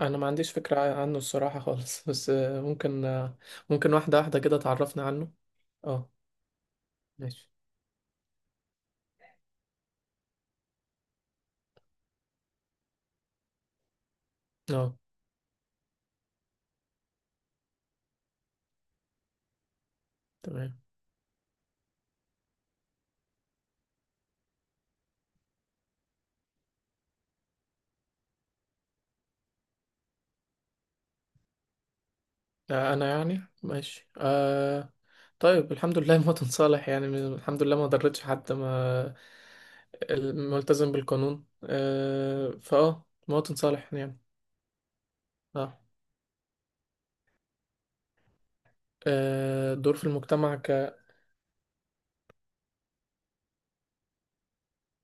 انا ما عنديش فكرة عنه الصراحة خالص بس ممكن ممكن واحدة واحدة كده تعرفنا عنه. اه ماشي. اه تمام. انا يعني ماشي آه. طيب الحمد لله مواطن صالح يعني الحمد لله ما ضرتش حد، ما ال- ملتزم بالقانون آه فاه مواطن صالح يعني. اه آه، دور في المجتمع.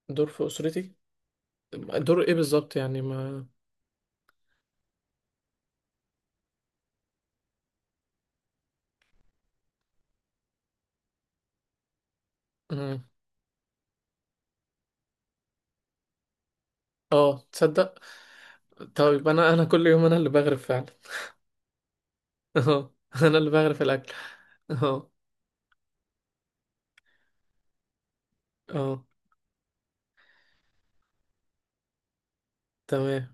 كدور في اسرتي، دور ايه بالظبط يعني ما. مم. اه تصدق، طيب انا كل يوم انا اللي بغرب فعلا. اهو انا اللي بغرف الاكل. اهو. اهو. تمام.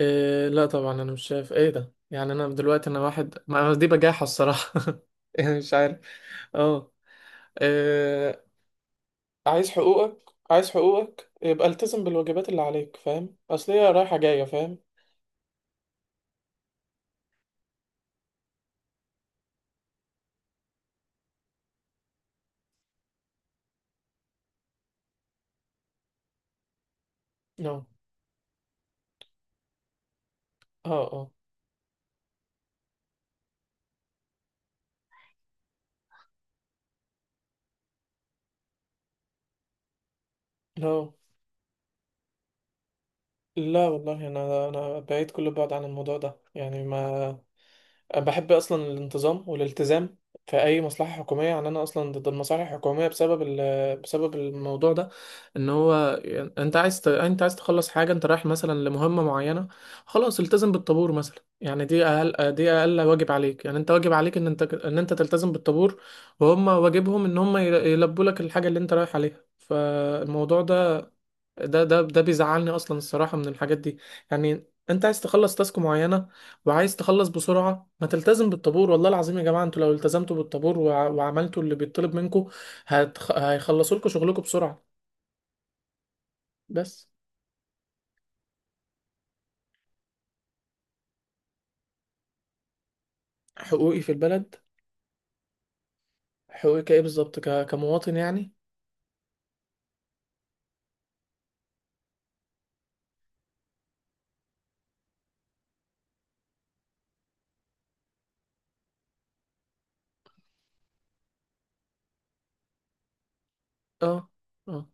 إيه لا طبعا انا مش شايف ايه ده، يعني انا دلوقتي انا واحد ما أنا دي بجاحة الصراحة. يعني مش عارف. اه. إيه. عايز حقوقك، عايز حقوقك يبقى التزم بالواجبات اللي عليك، فاهم؟ اصل هي رايحة جاية، فاهم؟ اه. اه. اه. لا، لا والله انا بعيد كل البعد عن الموضوع ده، يعني ما بحب اصلا الانتظام والالتزام في اي مصلحه حكوميه. يعني انا اصلا ضد المصالح الحكوميه بسبب بسبب الموضوع ده. ان هو يعني انت عايز تخلص حاجه، انت رايح مثلا لمهمه معينه، خلاص التزم بالطابور مثلا. يعني دي اقل، دي اقل واجب عليك. يعني انت واجب عليك ان انت تلتزم بالطابور، وهم واجبهم ان هم يلبوا لك الحاجه اللي انت رايح عليها. فالموضوع ده، ده بيزعلني اصلا الصراحه من الحاجات دي. يعني انت عايز تخلص تاسك معينه وعايز تخلص بسرعه، ما تلتزم بالطابور. والله العظيم يا جماعه، انتوا لو التزمتوا بالطابور وعملتوا اللي بيطلب منكم هيخلصوا لكم شغلكم بسرعه. بس. حقوقي في البلد، حقوقي كايه بالظبط كمواطن يعني. اه. اه.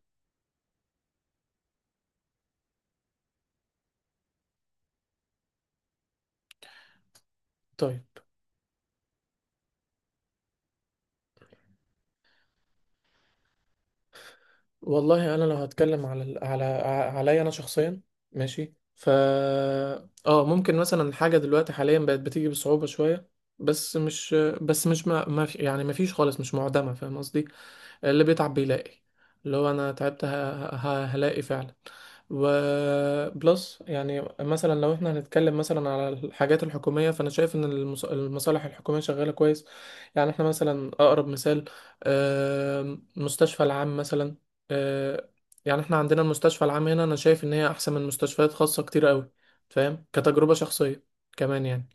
طيب والله انا لو هتكلم على عليا انا شخصيا، ماشي ف. اه ممكن مثلا حاجه دلوقتي حاليا بقت بتيجي بصعوبه شويه، بس مش بس مش ما في، يعني ما فيش خالص، مش معدمه، فاهم قصدي؟ اللي بيتعب بيلاقي، اللي هو انا تعبت هلاقي فعلا. وبلس يعني مثلا لو احنا هنتكلم مثلا على الحاجات الحكومية، فانا شايف ان المصالح الحكومية شغالة كويس. يعني احنا مثلا اقرب مثال، مستشفى العام مثلا آه، يعني احنا عندنا المستشفى العام هنا، انا شايف ان هي احسن من مستشفيات خاصة كتير قوي، فاهم، كتجربة شخصية. كمان يعني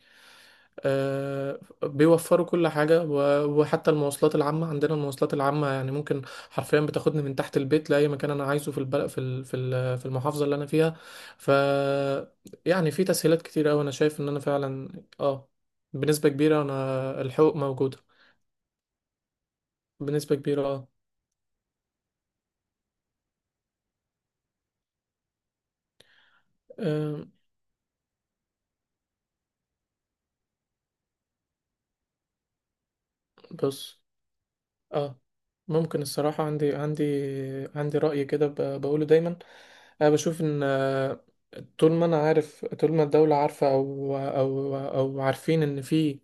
بيوفروا كل حاجة، وحتى المواصلات العامة. عندنا المواصلات العامة يعني ممكن حرفيا بتاخدني من تحت البيت لأي مكان أنا عايزه في البلد، في في المحافظة اللي أنا فيها. ف يعني في تسهيلات كتير أوي، أنا شايف إن أنا فعلا آه، بنسبة كبيرة أنا الحقوق موجودة بنسبة كبيرة آه. آه، بص، اه ممكن الصراحة، عندي عندي رأي كده بقوله دايما. أنا بشوف إن آه، طول ما أنا عارف، طول ما الدولة عارفة أو أو عارفين إن في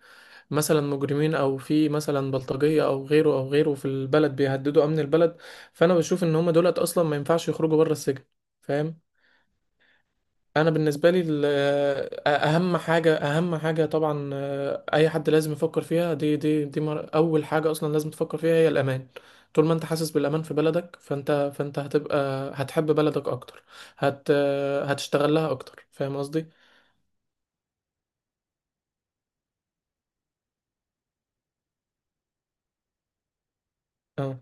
مثلا مجرمين، أو في مثلا بلطجية أو غيره أو غيره في البلد بيهددوا أمن البلد، فأنا بشوف إن هما دولت أصلا ما ينفعش يخرجوا بره السجن، فاهم؟ انا بالنسبه لي ال-، اهم حاجه طبعا آه، اي حد لازم يفكر فيها، اول حاجه اصلا لازم تفكر فيها هي الامان. طول ما انت حاسس بالامان في بلدك، فانت هتبقى هتحب بلدك اكتر، هت آه، هتشتغل لها اكتر، فاهم قصدي؟ اه.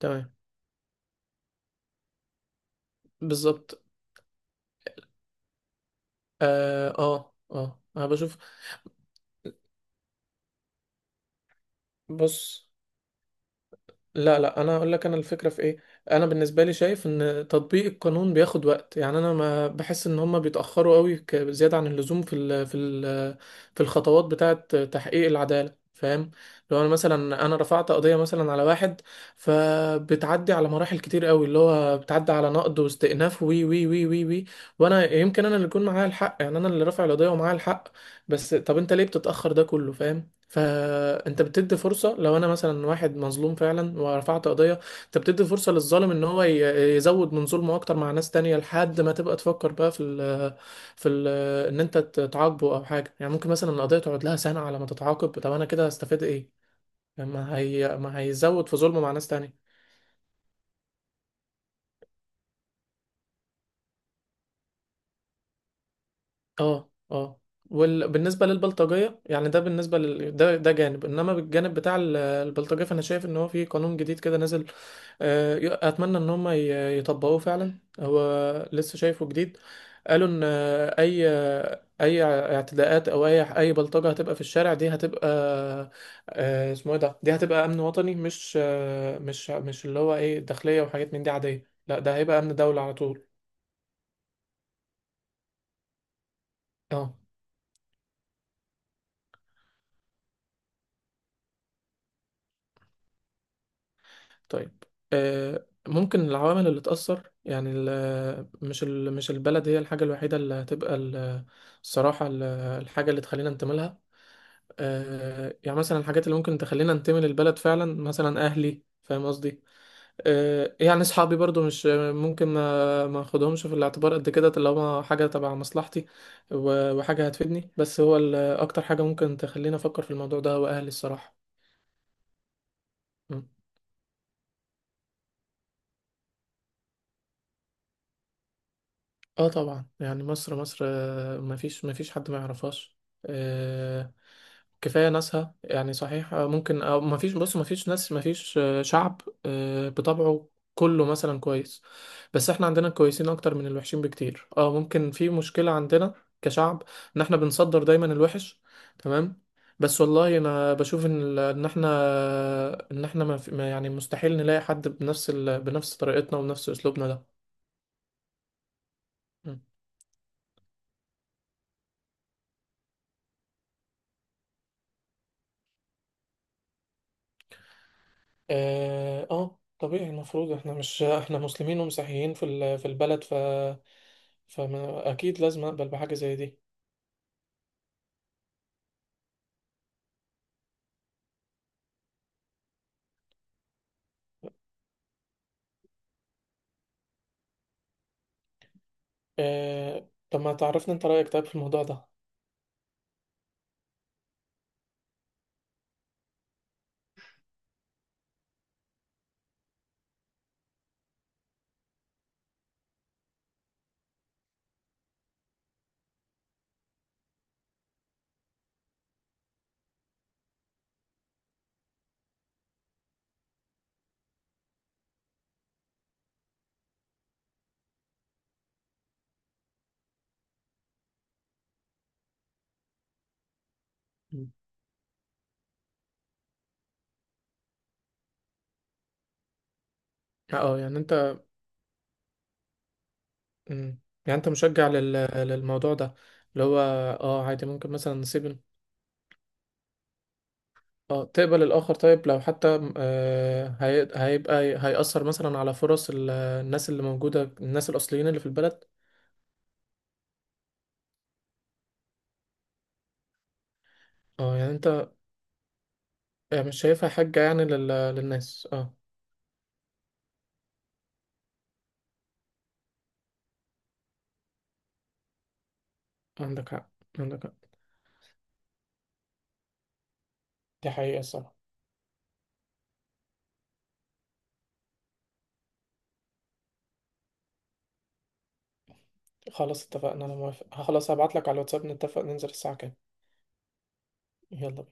تمام. بالظبط. اه اه آه. انا بشوف، بص، لا لا، انا اقول لك انا الفكره في ايه. انا بالنسبه لي شايف ان تطبيق القانون بياخد وقت. يعني انا ما بحس ان هم بيتاخروا قوي زياده عن اللزوم في ال في ال في الخطوات بتاعه تحقيق العداله، فاهم؟ لو انا مثلا رفعت قضيه مثلا على واحد، فبتعدي على مراحل كتير قوي، اللي هو بتعدي على نقض واستئناف وي وي وي وي وي وانا يمكن اللي يكون معايا الحق، يعني انا اللي رافع القضيه ومعايا الحق، بس طب انت ليه بتتاخر ده كله، فاهم؟ فانت بتدي فرصه. لو انا مثلا واحد مظلوم فعلا ورفعت قضيه، انت بتدي فرصه للظالم ان هو يزود من ظلمه اكتر مع ناس تانية، لحد ما تبقى تفكر بقى في ال في ال ان انت تعاقبه او حاجه. يعني ممكن مثلا القضيه تقعد لها سنه على ما تتعاقب، طب انا كده هستفيد ايه؟ ما هي ما هيزود في ظلمه مع ناس تانية. اه. اه. وبالنسبة للبلطجية يعني ده جانب، انما بالجانب بتاع البلطجية، فانا شايف ان هو في قانون جديد كده نزل آه، اتمنى ان هم يطبقوه فعلا، هو لسه شايفه جديد. قالوا ان آه، اي اعتداءات او اي بلطجة هتبقى في الشارع، دي هتبقى آه، اسمه ايه ده، دي هتبقى امن وطني، مش آه، مش مش اللي هو ايه داخلية وحاجات من دي عادية، لا ده هيبقى امن دولة على طول. اه. طيب ممكن العوامل اللي تأثر، يعني مش البلد هي الحاجة الوحيدة اللي هتبقى الصراحة الحاجة اللي تخلينا ننتمي لها آه، يعني مثلا الحاجات اللي ممكن تخلينا ننتمي للبلد فعلا، مثلا أهلي، فاهم قصدي؟ آه، يعني أصحابي برضو مش ممكن ما أخدهمش في الاعتبار قد كده، طالما حاجة تبع مصلحتي وحاجة هتفيدني. بس هو أكتر حاجة ممكن تخلينا أفكر في الموضوع ده هو أهلي الصراحة. اه طبعا، يعني مصر مصر آه، مفيش مفيش حد ما يعرفهاش. آه، كفاية ناسها يعني، صحيح آه، ممكن أو مفيش، بص مفيش ناس، مفيش آه، شعب آه، بطبعه كله مثلا كويس، بس احنا عندنا كويسين اكتر من الوحشين بكتير. اه ممكن في مشكلة عندنا كشعب، ان احنا بنصدر دايما الوحش. تمام. بس والله انا بشوف ان ان احنا ما في- ما- يعني مستحيل نلاقي حد بنفس طريقتنا وبنفس اسلوبنا. ده اه آه، طبيعي المفروض، احنا مش احنا مسلمين ومسيحيين في في البلد، ف فما اكيد لازم اقبل بحاجه زي دي. طب ما تعرفني انت رايك طيب في الموضوع ده. مم. اه يعني انت، مم. يعني انت مشجع للموضوع ده، اللي هو اه عادي ممكن مثلا نسيب. اه تقبل الاخر، طيب لو حتى هيبقى هيأثر مثلا على فرص الناس اللي موجوده، الناس الاصليين اللي في البلد. اه يعني انت، يعني مش شايفها حاجه يعني للناس اه. عندك حق. عندك حق. دي حقيقة الصراحة. خلاص اتفقنا، أنا موافق، خلاص هبعتلك على الواتساب نتفق ننزل الساعة كام. يلا.